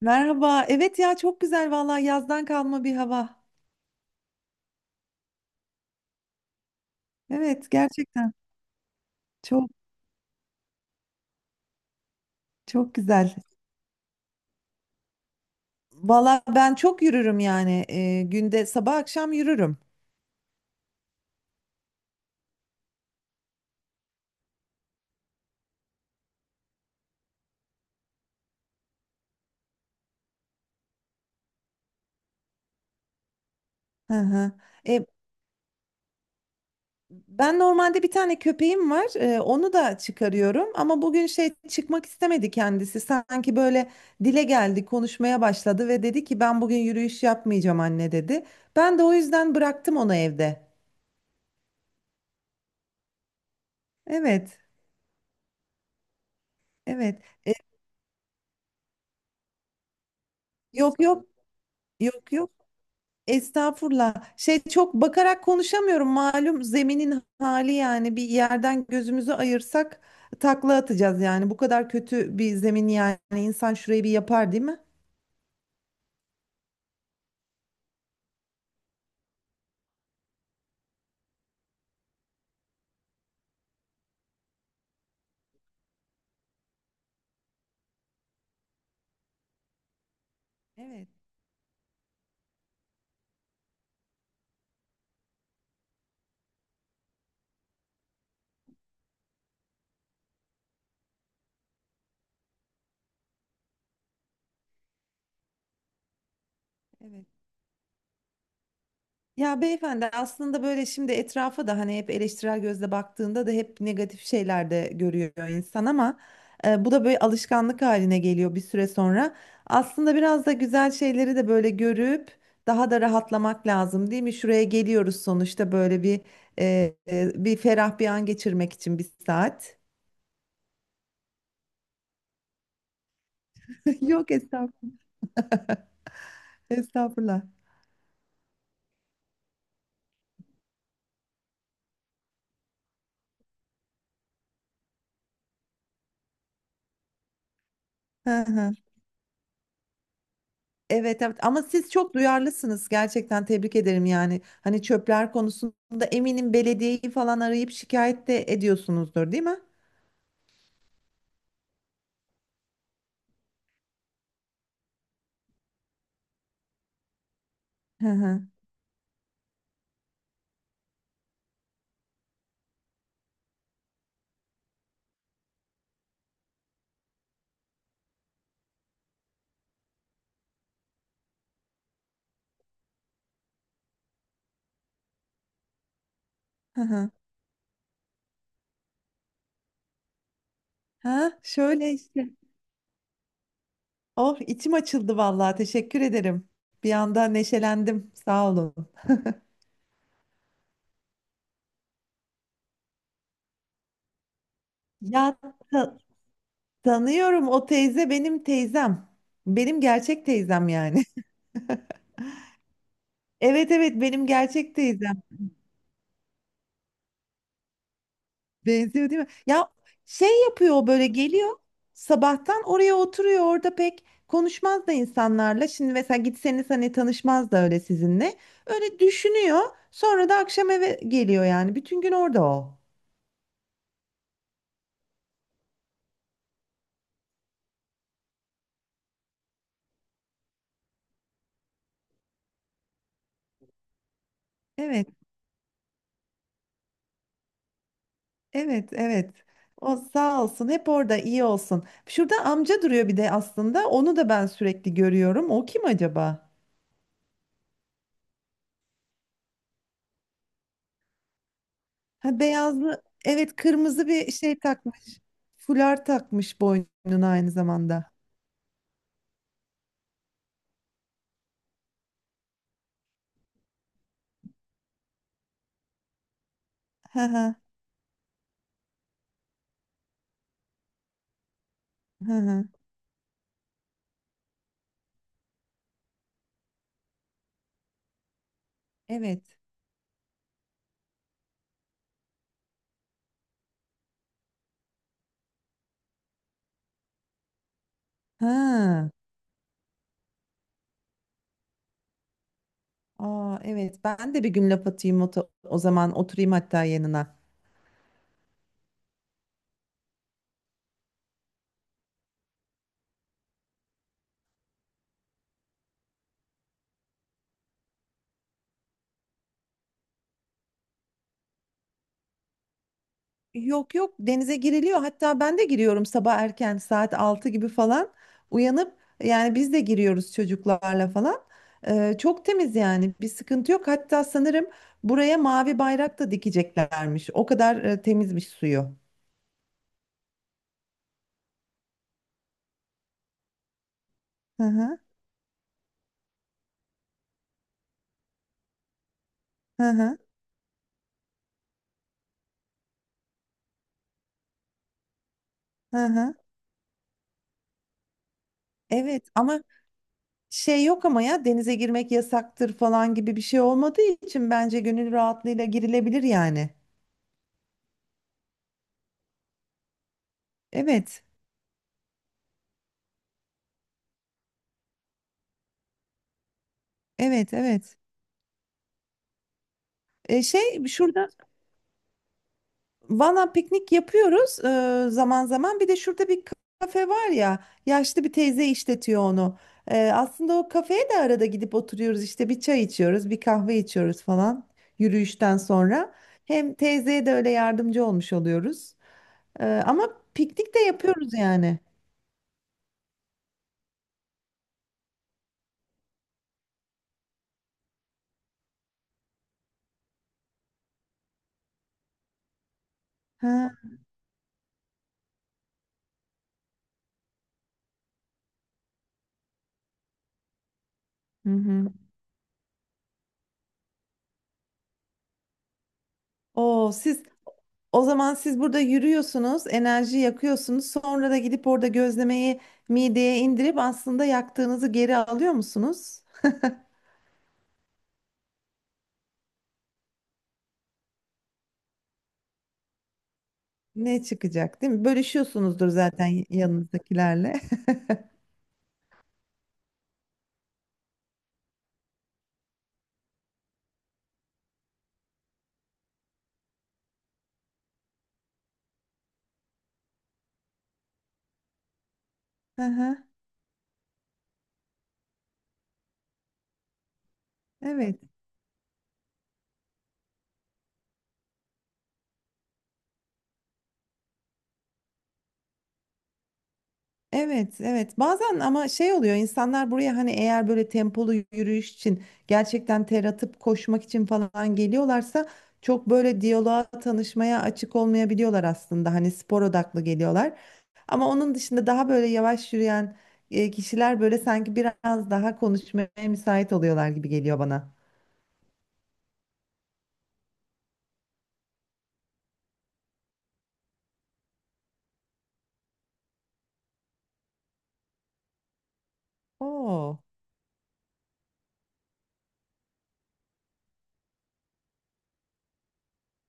Merhaba. Evet ya, çok güzel vallahi, yazdan kalma bir hava. Evet, gerçekten çok çok güzel. Vallahi ben çok yürürüm yani, günde sabah akşam yürürüm. Hı hı. E, ben normalde bir tane köpeğim var. Onu da çıkarıyorum ama bugün şey, çıkmak istemedi kendisi. Sanki böyle dile geldi, konuşmaya başladı ve dedi ki, ben bugün yürüyüş yapmayacağım anne dedi. Ben de o yüzden bıraktım onu evde. Evet, evet. E, yok yok. Yok yok. Estağfurullah. Şey, çok bakarak konuşamıyorum. Malum zeminin hali, yani bir yerden gözümüzü ayırsak takla atacağız yani. Bu kadar kötü bir zemin, yani insan şurayı bir yapar değil mi? Evet, evet. Ya beyefendi, aslında böyle şimdi etrafa da hani hep eleştirel gözle baktığında da hep negatif şeyler de görüyor insan ama bu da böyle alışkanlık haline geliyor bir süre sonra. Aslında biraz da güzel şeyleri de böyle görüp daha da rahatlamak lazım değil mi? Şuraya geliyoruz sonuçta, böyle bir bir ferah bir an geçirmek için bir saat. Yok estağfurullah. Estağfurullah. Hı hı. Evet, evet ama siz çok duyarlısınız gerçekten, tebrik ederim yani. Hani çöpler konusunda eminim belediyeyi falan arayıp şikayet de ediyorsunuzdur değil mi? Hı hı hı. Hı. Ha, şöyle işte. Oh, içim açıldı vallahi, teşekkür ederim. Bir anda neşelendim, sağ olun. Ya, ta- tanıyorum, o teyze benim teyzem. Benim gerçek teyzem yani. Evet evet, benim gerçek teyzem. Benziyor değil mi? Ya şey yapıyor o, böyle geliyor, sabahtan oraya oturuyor, orada pek konuşmaz da insanlarla. Şimdi mesela gitseniz hani tanışmaz da öyle sizinle. Öyle düşünüyor, sonra da akşam eve geliyor, yani bütün gün orada o. Evet evet evet. O sağ olsun, hep orada iyi olsun. Şurada amca duruyor bir de, aslında onu da ben sürekli görüyorum. O kim acaba? Ha, beyazlı evet, kırmızı bir şey takmış. Fular takmış boynuna aynı zamanda. Hı hı. Evet. Ha. Aa, evet. Ben de bir gün laf atayım, o, o zaman oturayım hatta yanına. Yok yok, denize giriliyor. Hatta ben de giriyorum, sabah erken saat 6 gibi falan uyanıp, yani biz de giriyoruz çocuklarla falan. Çok temiz yani, bir sıkıntı yok. Hatta sanırım buraya mavi bayrak da dikeceklermiş. O kadar temizmiş suyu. Hı hı. Hı hı. Hı hı. Evet ama şey, yok ama ya denize girmek yasaktır falan gibi bir şey olmadığı için bence gönül rahatlığıyla girilebilir yani. Evet, evet, evet. Şurada valla piknik yapıyoruz, zaman zaman. Bir de şurada bir kafe var ya, yaşlı bir teyze işletiyor onu. Aslında o kafeye de arada gidip oturuyoruz işte, bir çay içiyoruz, bir kahve içiyoruz falan, yürüyüşten sonra. Hem teyzeye de öyle yardımcı olmuş oluyoruz. Ama piknik de yapıyoruz yani. Ha, hı hı. Oo, siz, o zaman siz burada yürüyorsunuz, enerji yakıyorsunuz. Sonra da gidip orada gözlemeyi mideye indirip aslında yaktığınızı geri alıyor musunuz? Ne çıkacak değil mi? Bölüşüyorsunuzdur zaten yanınızdakilerle. Aha, evet, evet, evet. Bazen ama şey oluyor, insanlar buraya hani eğer böyle tempolu yürüyüş için gerçekten ter atıp koşmak için falan geliyorlarsa, çok böyle diyaloğa, tanışmaya açık olmayabiliyorlar aslında. Hani spor odaklı geliyorlar. Ama onun dışında daha böyle yavaş yürüyen kişiler böyle sanki biraz daha konuşmaya müsait oluyorlar gibi geliyor bana. Oo.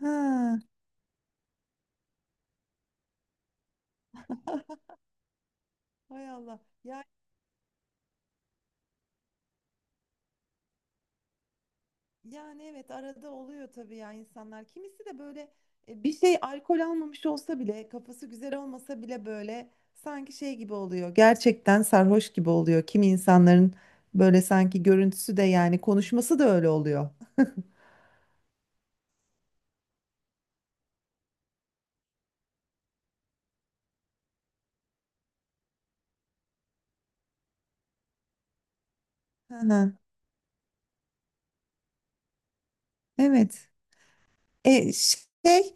Ha. Hay Allah. Ya, yani evet, arada oluyor tabii ya, insanlar. Kimisi de böyle bir şey, alkol almamış olsa bile, kafası güzel olmasa bile, böyle sanki şey gibi oluyor. Gerçekten sarhoş gibi oluyor. Kimi insanların böyle sanki görüntüsü de, yani konuşması da öyle oluyor. Hı hı. Evet. E, şey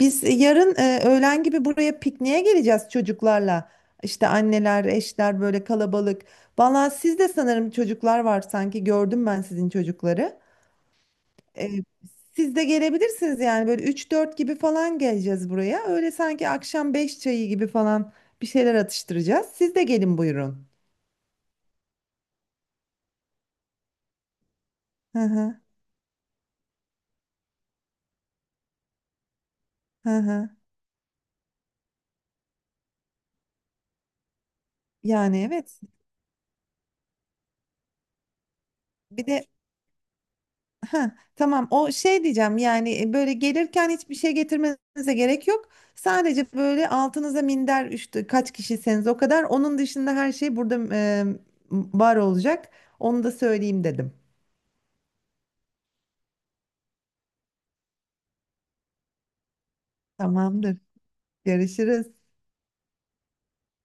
Biz yarın öğlen gibi buraya pikniğe geleceğiz çocuklarla. İşte anneler, eşler, böyle kalabalık. Valla sizde sanırım çocuklar var, sanki gördüm ben sizin çocukları. E, siz de gelebilirsiniz yani, böyle 3-4 gibi falan geleceğiz buraya. Öyle sanki akşam 5 çayı gibi falan bir şeyler atıştıracağız. Siz de gelin buyurun. Hı hı, hı hı. Yani evet. Bir de Ha, tamam, o şey diyeceğim yani, böyle gelirken hiçbir şey getirmenize gerek yok. Sadece böyle altınıza minder, işte kaç kişiseniz o kadar. Onun dışında her şey burada var olacak. Onu da söyleyeyim dedim. Tamamdır. Görüşürüz.